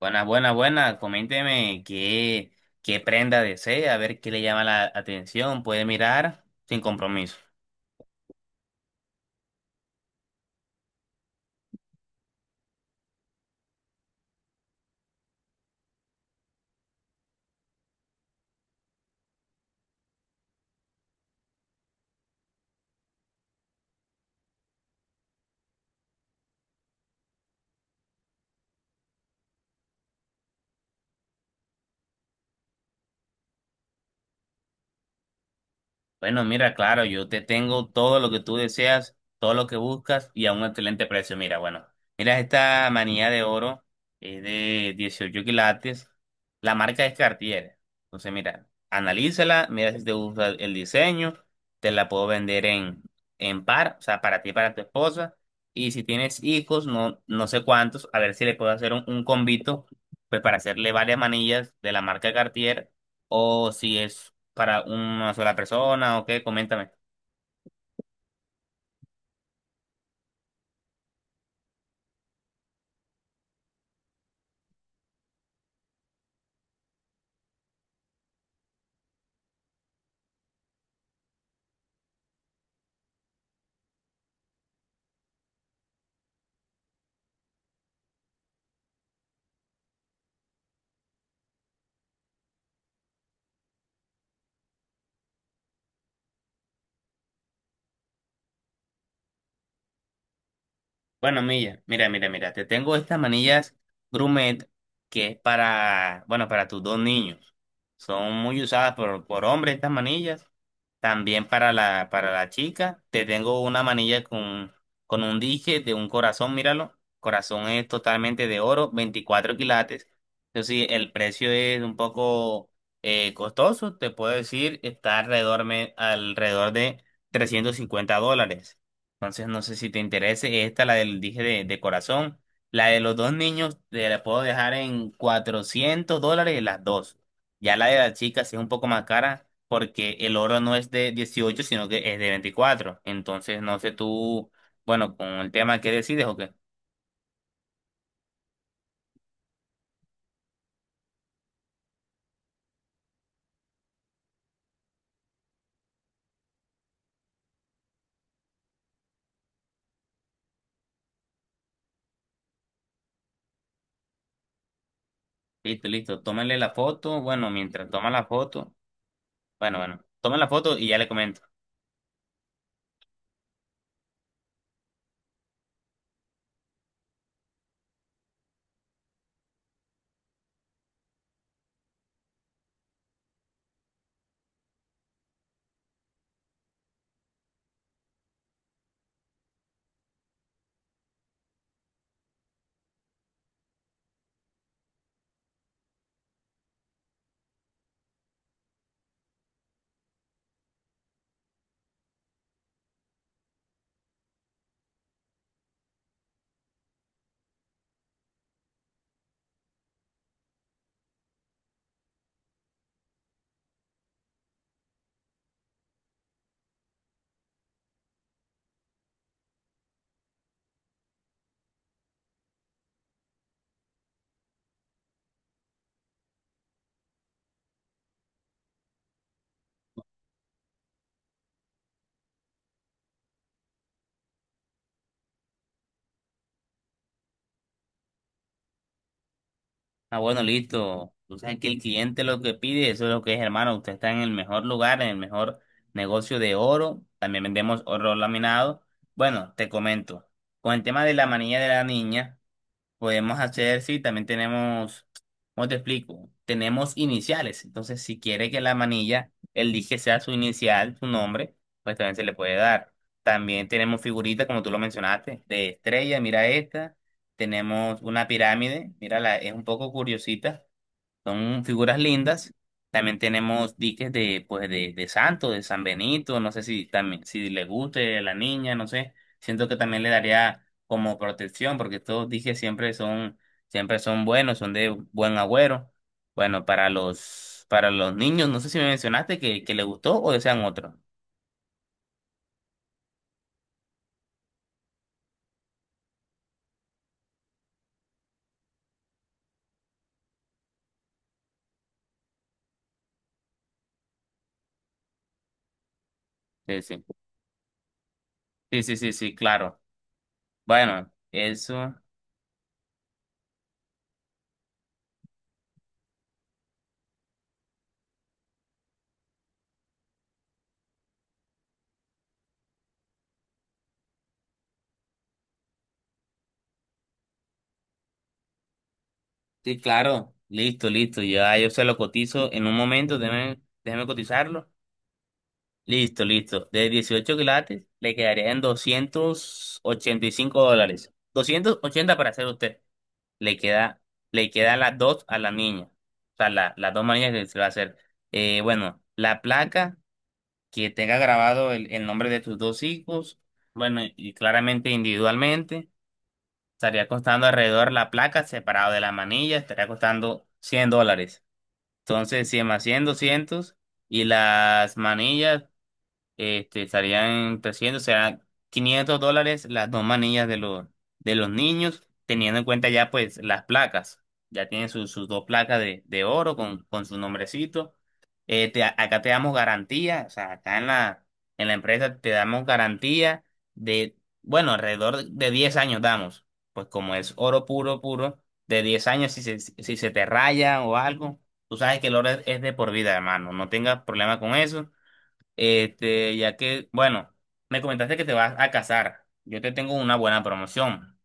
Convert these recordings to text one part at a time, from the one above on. Buenas, buenas, buenas. Coménteme qué prenda desea, a ver qué le llama la atención. Puede mirar sin compromiso. Bueno, mira, claro, yo te tengo todo lo que tú deseas, todo lo que buscas y a un excelente precio. Mira, bueno, mira esta manilla de oro, es de 18 quilates, la marca es Cartier. Entonces, mira, analízala, mira si te gusta el diseño, te la puedo vender en par, o sea, para ti y para tu esposa. Y si tienes hijos, no, no sé cuántos, a ver si le puedo hacer un convito, pues para hacerle varias manillas de la marca Cartier, ¿o si es para una sola persona o qué? Coméntame. Bueno, Milla, mira, mira, mira, te tengo estas manillas Grumet que es para, bueno, para tus dos niños. Son muy usadas por hombres estas manillas. También para la chica, te tengo una manilla con un dije de un corazón, míralo. Corazón es totalmente de oro, 24 quilates. Eso sí, el precio es un poco costoso, te puedo decir, está alrededor de $350. Entonces, no sé si te interese. Esta, la del dije de corazón. La de los dos niños, te la puedo dejar en $400 las dos. Ya la de la chica sí es un poco más cara porque el oro no es de 18 sino que es de 24. Entonces, no sé tú, bueno, con el tema que decides o qué. Listo, listo. Tómale la foto. Bueno, mientras toma la foto. Bueno, bueno. Toma la foto y ya le comento. Ah, bueno, listo. Tú sabes que el cliente lo que pide, eso es lo que es, hermano. Usted está en el mejor lugar, en el mejor negocio de oro. También vendemos oro laminado. Bueno, te comento. Con el tema de la manilla de la niña. Podemos hacer, sí, también tenemos, ¿cómo te explico? Tenemos iniciales. Entonces, si quiere que la manilla, el dije sea su inicial, su nombre, pues también se le puede dar. También tenemos figuritas, como tú lo mencionaste, de estrella, mira esta. Tenemos una pirámide, mírala, es un poco curiosita. Son figuras lindas. También tenemos diques de, pues, de Santo, de San Benito. No sé si también, si le guste a la niña, no sé. Siento que también le daría como protección, porque estos diques siempre son buenos, son de buen agüero. Bueno, para los niños, no sé si me mencionaste que le gustó o desean otro. Sí, sí. Sí, sí, sí, sí, claro. Bueno, eso. Sí, claro. Listo, listo. Ya yo se lo cotizo en un momento. Déjeme cotizarlo. Listo, listo. De 18 quilates le quedarían $285. 280 para hacer usted. Le queda, le quedan las dos a la niña. O sea, las dos niñas que se va a hacer. Bueno, la placa que tenga grabado el nombre de tus dos hijos. Bueno, y claramente individualmente. Estaría costando alrededor la placa separado de la manilla. Estaría costando $100. Entonces, 100 más 100, 200. Y las manillas. Este, estarían presionando, o sea, $500 las dos manillas de los niños, teniendo en cuenta ya pues las placas. Ya tienen sus dos placas de oro con su nombrecito. Acá te damos garantía, o sea, acá en la empresa te damos garantía de, bueno, alrededor de 10 años damos. Pues como es oro puro, puro, de 10 años si se te raya o algo, tú sabes que el oro es de por vida, hermano. No tengas problema con eso. Este, ya que, bueno, me comentaste que te vas a casar. Yo te tengo una buena promoción.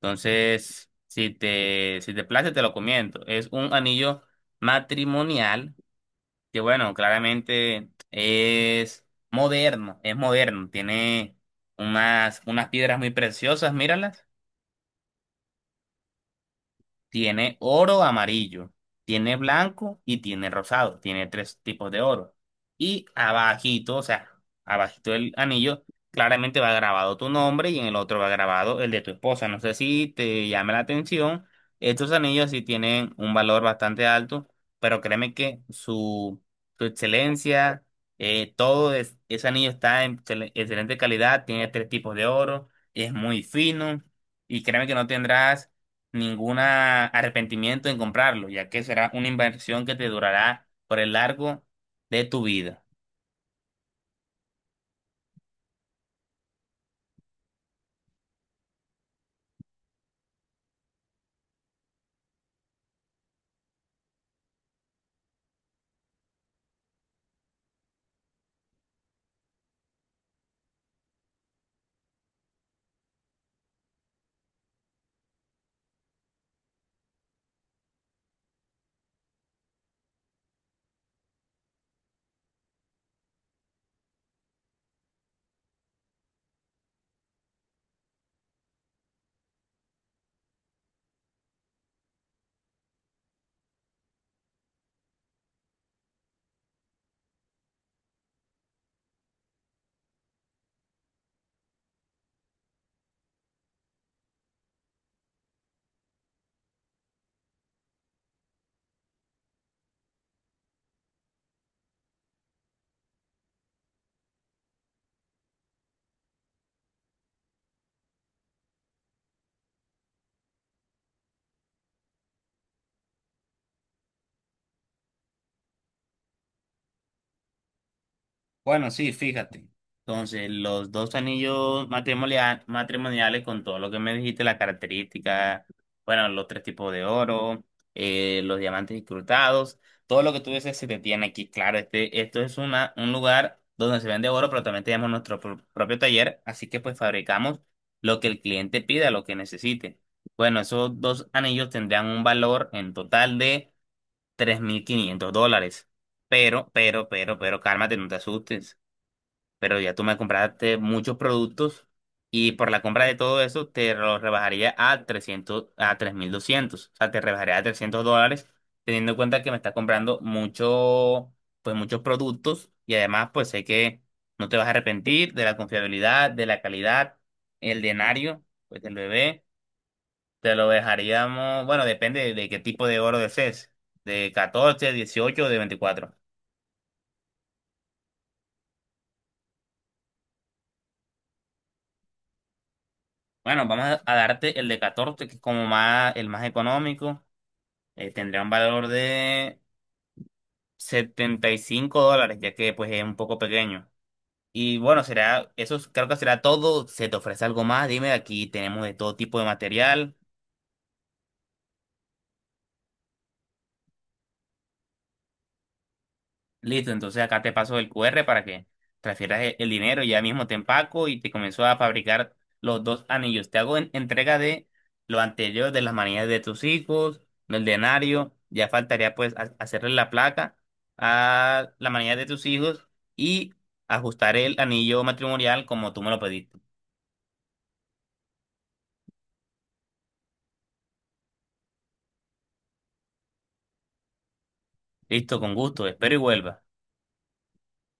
Entonces, si te place, te lo comento. Es un anillo matrimonial que, bueno, claramente es moderno, es moderno. Tiene unas piedras muy preciosas, míralas. Tiene oro amarillo, tiene blanco y tiene rosado. Tiene tres tipos de oro. Y abajito, o sea, abajito del anillo, claramente va grabado tu nombre y en el otro va grabado el de tu esposa. No sé si te llama la atención. Estos anillos sí tienen un valor bastante alto, pero créeme que su excelencia, ese anillo está en excelente calidad, tiene tres tipos de oro, es muy fino y créeme que no tendrás ningún arrepentimiento en comprarlo, ya que será una inversión que te durará por el largo de tu vida. Bueno, sí, fíjate. Entonces, los dos anillos matrimoniales con todo lo que me dijiste, las características, bueno, los tres tipos de oro, los diamantes incrustados, todo lo que tú dices se te tiene aquí. Claro, esto es un lugar donde se vende oro, pero también tenemos nuestro propio taller, así que pues fabricamos lo que el cliente pida, lo que necesite. Bueno, esos dos anillos tendrán un valor en total de $3,500. Pero, cálmate, no te asustes, pero ya tú me compraste muchos productos y por la compra de todo eso te lo rebajaría a 300 a 3,200, o sea, te rebajaría a $300, teniendo en cuenta que me estás comprando mucho, pues muchos productos y además pues sé que no te vas a arrepentir de la confiabilidad, de la calidad, el denario, pues del bebé, te lo dejaríamos, bueno, depende de qué tipo de oro desees, de 14, 18 o de 24. Bueno, vamos a darte el de 14 que es como más, el más económico. Tendría un valor de $75, ya que pues es un poco pequeño. Y bueno, creo que será todo. Se te ofrece algo más, dime, aquí tenemos de todo tipo de material. Listo, entonces acá te paso el QR para que transfieras el dinero ya mismo te empaco y te comenzó a fabricar los dos anillos. Te hago entrega de lo anterior, de las manillas de tus hijos, del denario. Ya faltaría pues hacerle la placa a la manilla de tus hijos y ajustar el anillo matrimonial como tú me lo pediste. Listo, con gusto. Espero y vuelva.